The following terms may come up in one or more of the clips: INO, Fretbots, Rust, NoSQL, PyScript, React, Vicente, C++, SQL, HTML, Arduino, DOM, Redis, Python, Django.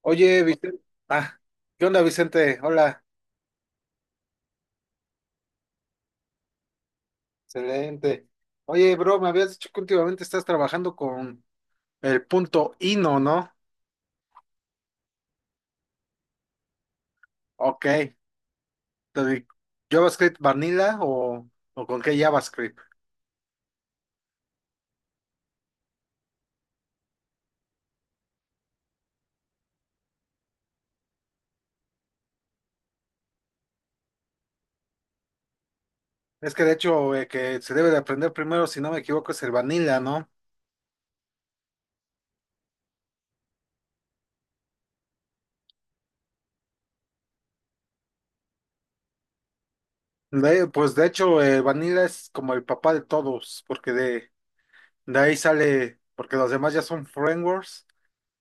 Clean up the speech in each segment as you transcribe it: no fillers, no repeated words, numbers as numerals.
Oye, Vicente. Ah, ¿qué onda, Vicente? Hola, excelente. Oye, bro, me habías dicho que últimamente estás trabajando con el punto INO, ¿no? Ok. Entonces, ¿JavaScript Vanilla o con qué JavaScript? Es que de hecho, que se debe de aprender primero, si no me equivoco, es el Vanilla, ¿no? Pues de hecho, el Vanilla es como el papá de todos, porque de ahí sale, porque los demás ya son frameworks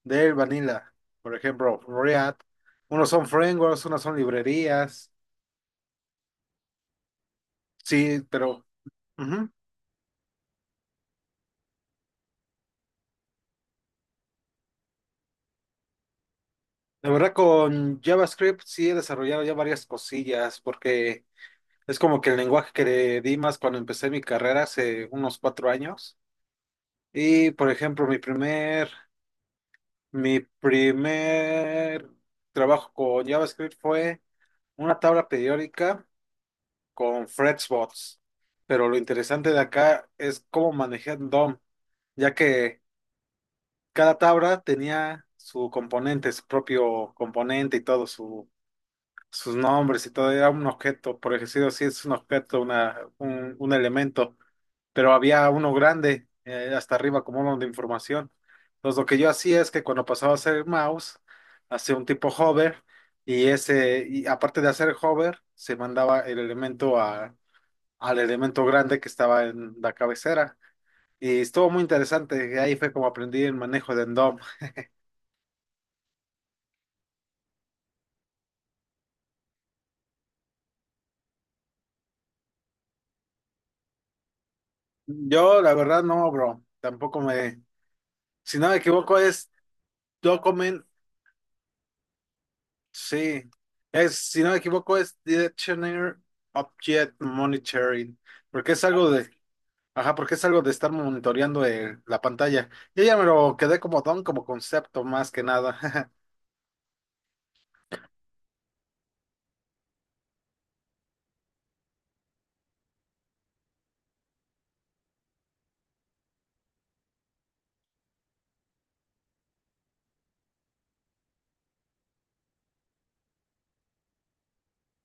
del Vanilla, por ejemplo, React. Unos son frameworks, unos son librerías. Sí, pero ujú. La verdad con JavaScript sí he desarrollado ya varias cosillas porque es como que el lenguaje que le di más cuando empecé mi carrera hace unos 4 años. Y por ejemplo, mi primer trabajo con JavaScript fue una tabla periódica con Fretbots. Pero lo interesante de acá es cómo manejé DOM, ya que cada tabla tenía su componente, su propio componente y todo, sus nombres y todo, era un objeto, por ejemplo, sí es un objeto, un elemento, pero había uno grande hasta arriba como uno de información. Entonces lo que yo hacía es que cuando pasaba a hacer mouse, hacía un tipo hover y ese, y aparte de hacer hover, se mandaba el elemento a, al elemento grande que estaba en la cabecera. Y estuvo muy interesante, y ahí fue como aprendí el manejo de Endom. Yo, la verdad, no, bro. Tampoco me. Si no me equivoco, es Document. Sí. Es, si no me equivoco, es Directioner Object Monitoring. Porque es algo de. Ajá, porque es algo de estar monitoreando la pantalla. Yo ya me lo quedé como don, como concepto, más que nada.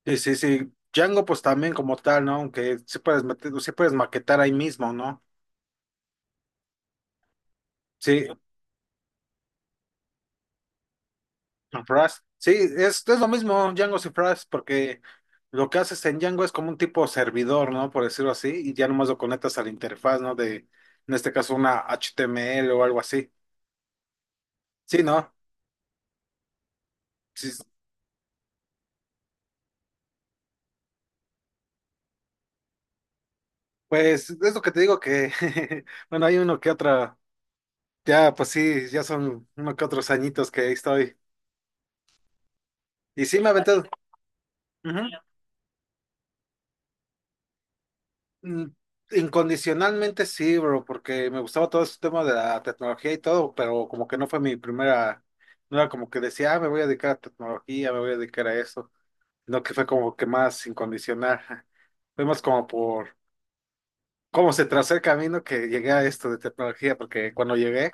Sí, sí, sí. Django, pues también como tal, ¿no? Aunque sí puedes meter, sí puedes maquetar ahí mismo, ¿no? Sí, Rust. Sí, es lo mismo Django y Rust, porque lo que haces en Django es como un tipo servidor, ¿no? Por decirlo así, y ya nomás lo conectas a la interfaz, ¿no? De, en este caso, una HTML o algo así. Sí, ¿no? Sí, pues es lo que te digo que, bueno, hay uno que otra, ya, pues sí, ya son uno que otros añitos que ahí estoy. Y sí, me ha aventado. Ujú. Mm, Incondicionalmente sí, bro, porque me gustaba todo ese tema de la tecnología y todo, pero como que no fue mi primera, no era como que decía, ah, me voy a dedicar a tecnología, me voy a dedicar a eso, no que fue como que más incondicional. Fue más como por cómo se trazó el camino que llegué a esto de tecnología, porque cuando llegué,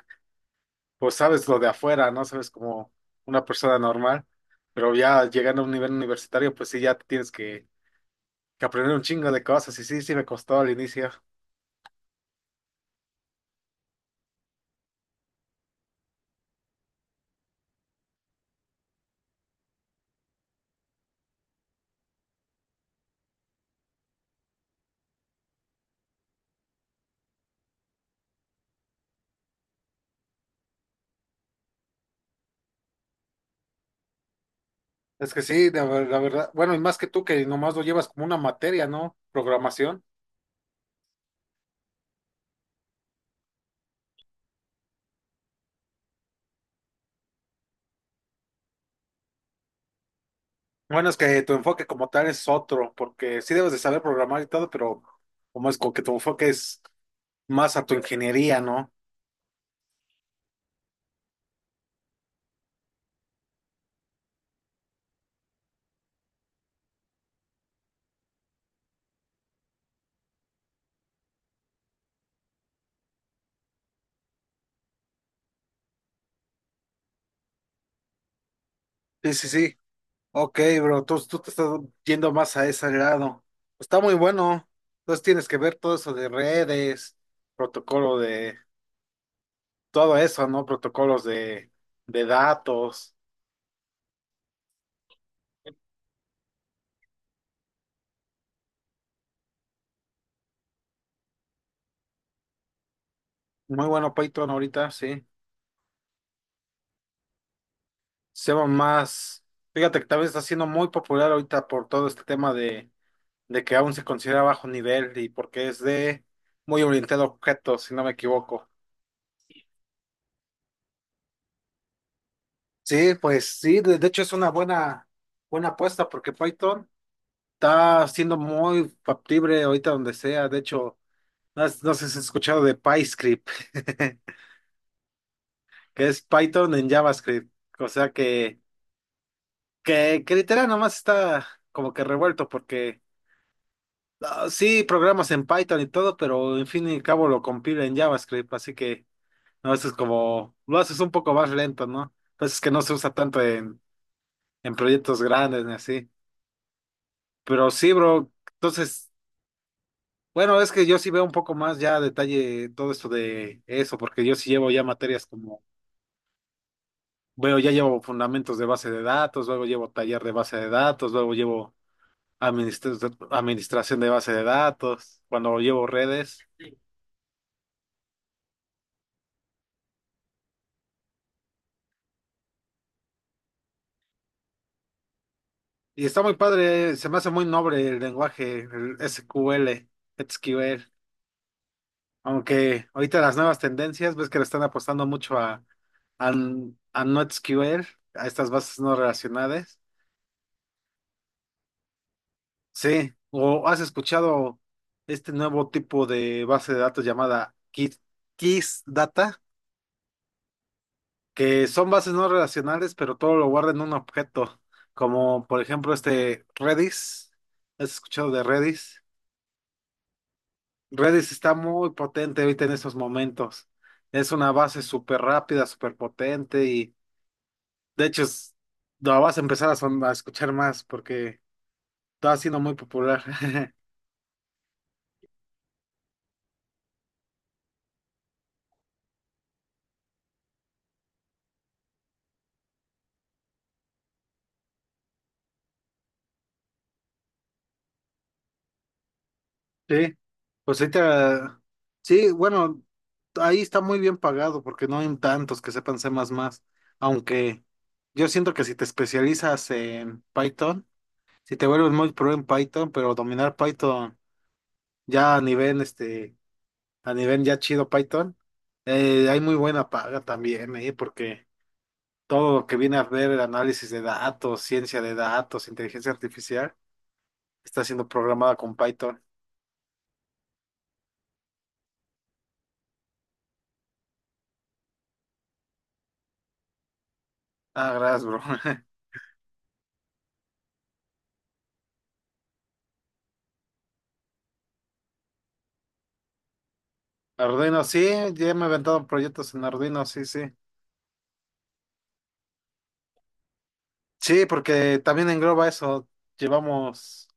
pues sabes lo de afuera, ¿no? Sabes como una persona normal, pero ya llegando a un nivel universitario, pues sí, ya tienes que aprender un chingo de cosas y sí, sí me costó al inicio. Es que sí, la verdad, bueno, y más que tú que nomás lo llevas como una materia, ¿no? Programación. Bueno, es que tu enfoque como tal es otro, porque sí debes de saber programar y todo, pero como es como que tu enfoque es más a tu ingeniería, ¿no? Sí, sí, sí. Ok, bro, tú te estás yendo más a ese lado. Está muy bueno. Entonces tienes que ver todo eso de redes, protocolo de, todo eso, ¿no? Protocolos de datos. Muy bueno Python ahorita, sí. Seba más, fíjate que también está siendo muy popular ahorita por todo este tema de, que aún se considera bajo nivel y porque es de muy orientado a objetos, si no me equivoco. Sí, pues sí, de hecho es una buena, buena apuesta porque Python está siendo muy factible ahorita donde sea. De hecho, no, no sé si has escuchado de PyScript, que es Python en JavaScript. O sea que literal nomás está como que revuelto porque Ah, sí, programas en Python y todo, pero en fin y al cabo lo compila en JavaScript, así que no a es como lo haces un poco más lento, ¿no? Pues es que no se usa tanto en proyectos grandes ni así. Pero sí, bro, entonces, bueno, es que yo sí veo un poco más ya a detalle todo esto de eso, porque yo sí llevo ya materias como, bueno ya llevo fundamentos de base de datos, luego llevo taller de base de datos, luego llevo administra- administración de base de datos, cuando llevo redes. Y está muy padre, se me hace muy noble el lenguaje, el SQL, SQL. Aunque ahorita las nuevas tendencias, ves que le están apostando mucho a, a NoSQL, a estas bases no relacionadas. Sí, o has escuchado este nuevo tipo de base de datos llamada Kiss Data, que son bases no relacionales, pero todo lo guarda en un objeto, como por ejemplo este Redis. ¿Has escuchado de Redis? Redis está muy potente ahorita en estos momentos. Es una base súper rápida, súper potente y de hecho la vas a empezar a, a escuchar más porque está siendo muy popular. Sí, pues ahorita, sí, bueno, ahí está muy bien pagado porque no hay tantos que sepan C++, aunque yo siento que si te especializas en Python, si te vuelves muy pro en Python, pero dominar Python ya a nivel este a nivel ya chido Python, hay muy buena paga también, porque todo lo que viene a ver el análisis de datos, ciencia de datos, inteligencia artificial, está siendo programada con Python. Ah, gracias, bro. Arduino, sí, ya me he aventado proyectos en Arduino, sí, sí. Sí, porque también engloba eso, llevamos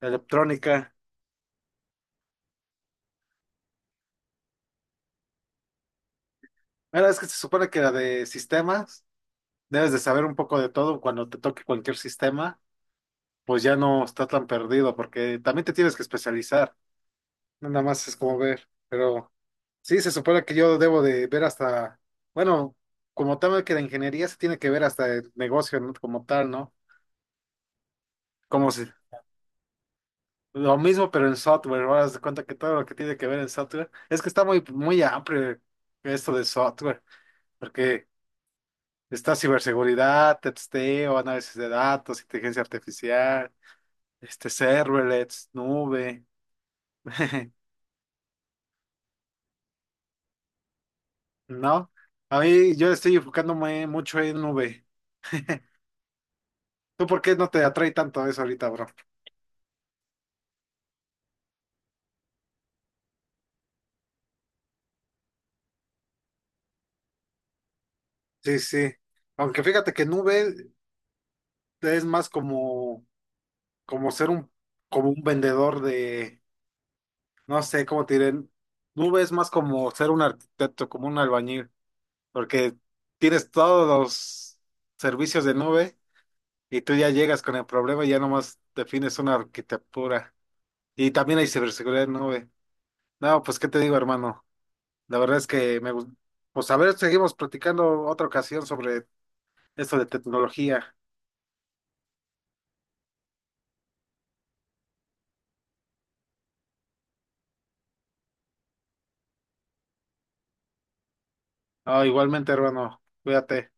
electrónica. Mira, es que se supone que la de sistemas, debes de saber un poco de todo cuando te toque cualquier sistema, pues ya no está tan perdido, porque también te tienes que especializar. No, nada más es como ver, pero sí, se supone que yo debo de ver hasta, bueno, como tal que la ingeniería se tiene que ver hasta el negocio, ¿no? Como tal, ¿no? Como si, lo mismo, pero en software, ahora haz de cuenta que todo lo que tiene que ver en software, es que está muy, muy amplio esto de software, porque está ciberseguridad, testeo, análisis de datos, inteligencia artificial, este, serverless, nube, ¿no? A mí yo estoy enfocándome mucho en nube. ¿Tú por qué no te atrae tanto eso ahorita, bro? Sí, sí. Aunque fíjate que Nube es más como, como ser un, como un vendedor de, no sé cómo te diré. Nube es más como ser un arquitecto, como un albañil, porque tienes todos los servicios de Nube y tú ya llegas con el problema y ya nomás defines una arquitectura. Y también hay ciberseguridad en Nube. No, pues qué te digo, hermano. La verdad es que me gusta. Pues a ver, seguimos platicando otra ocasión sobre eso de tecnología. Ah, igualmente, hermano, cuídate.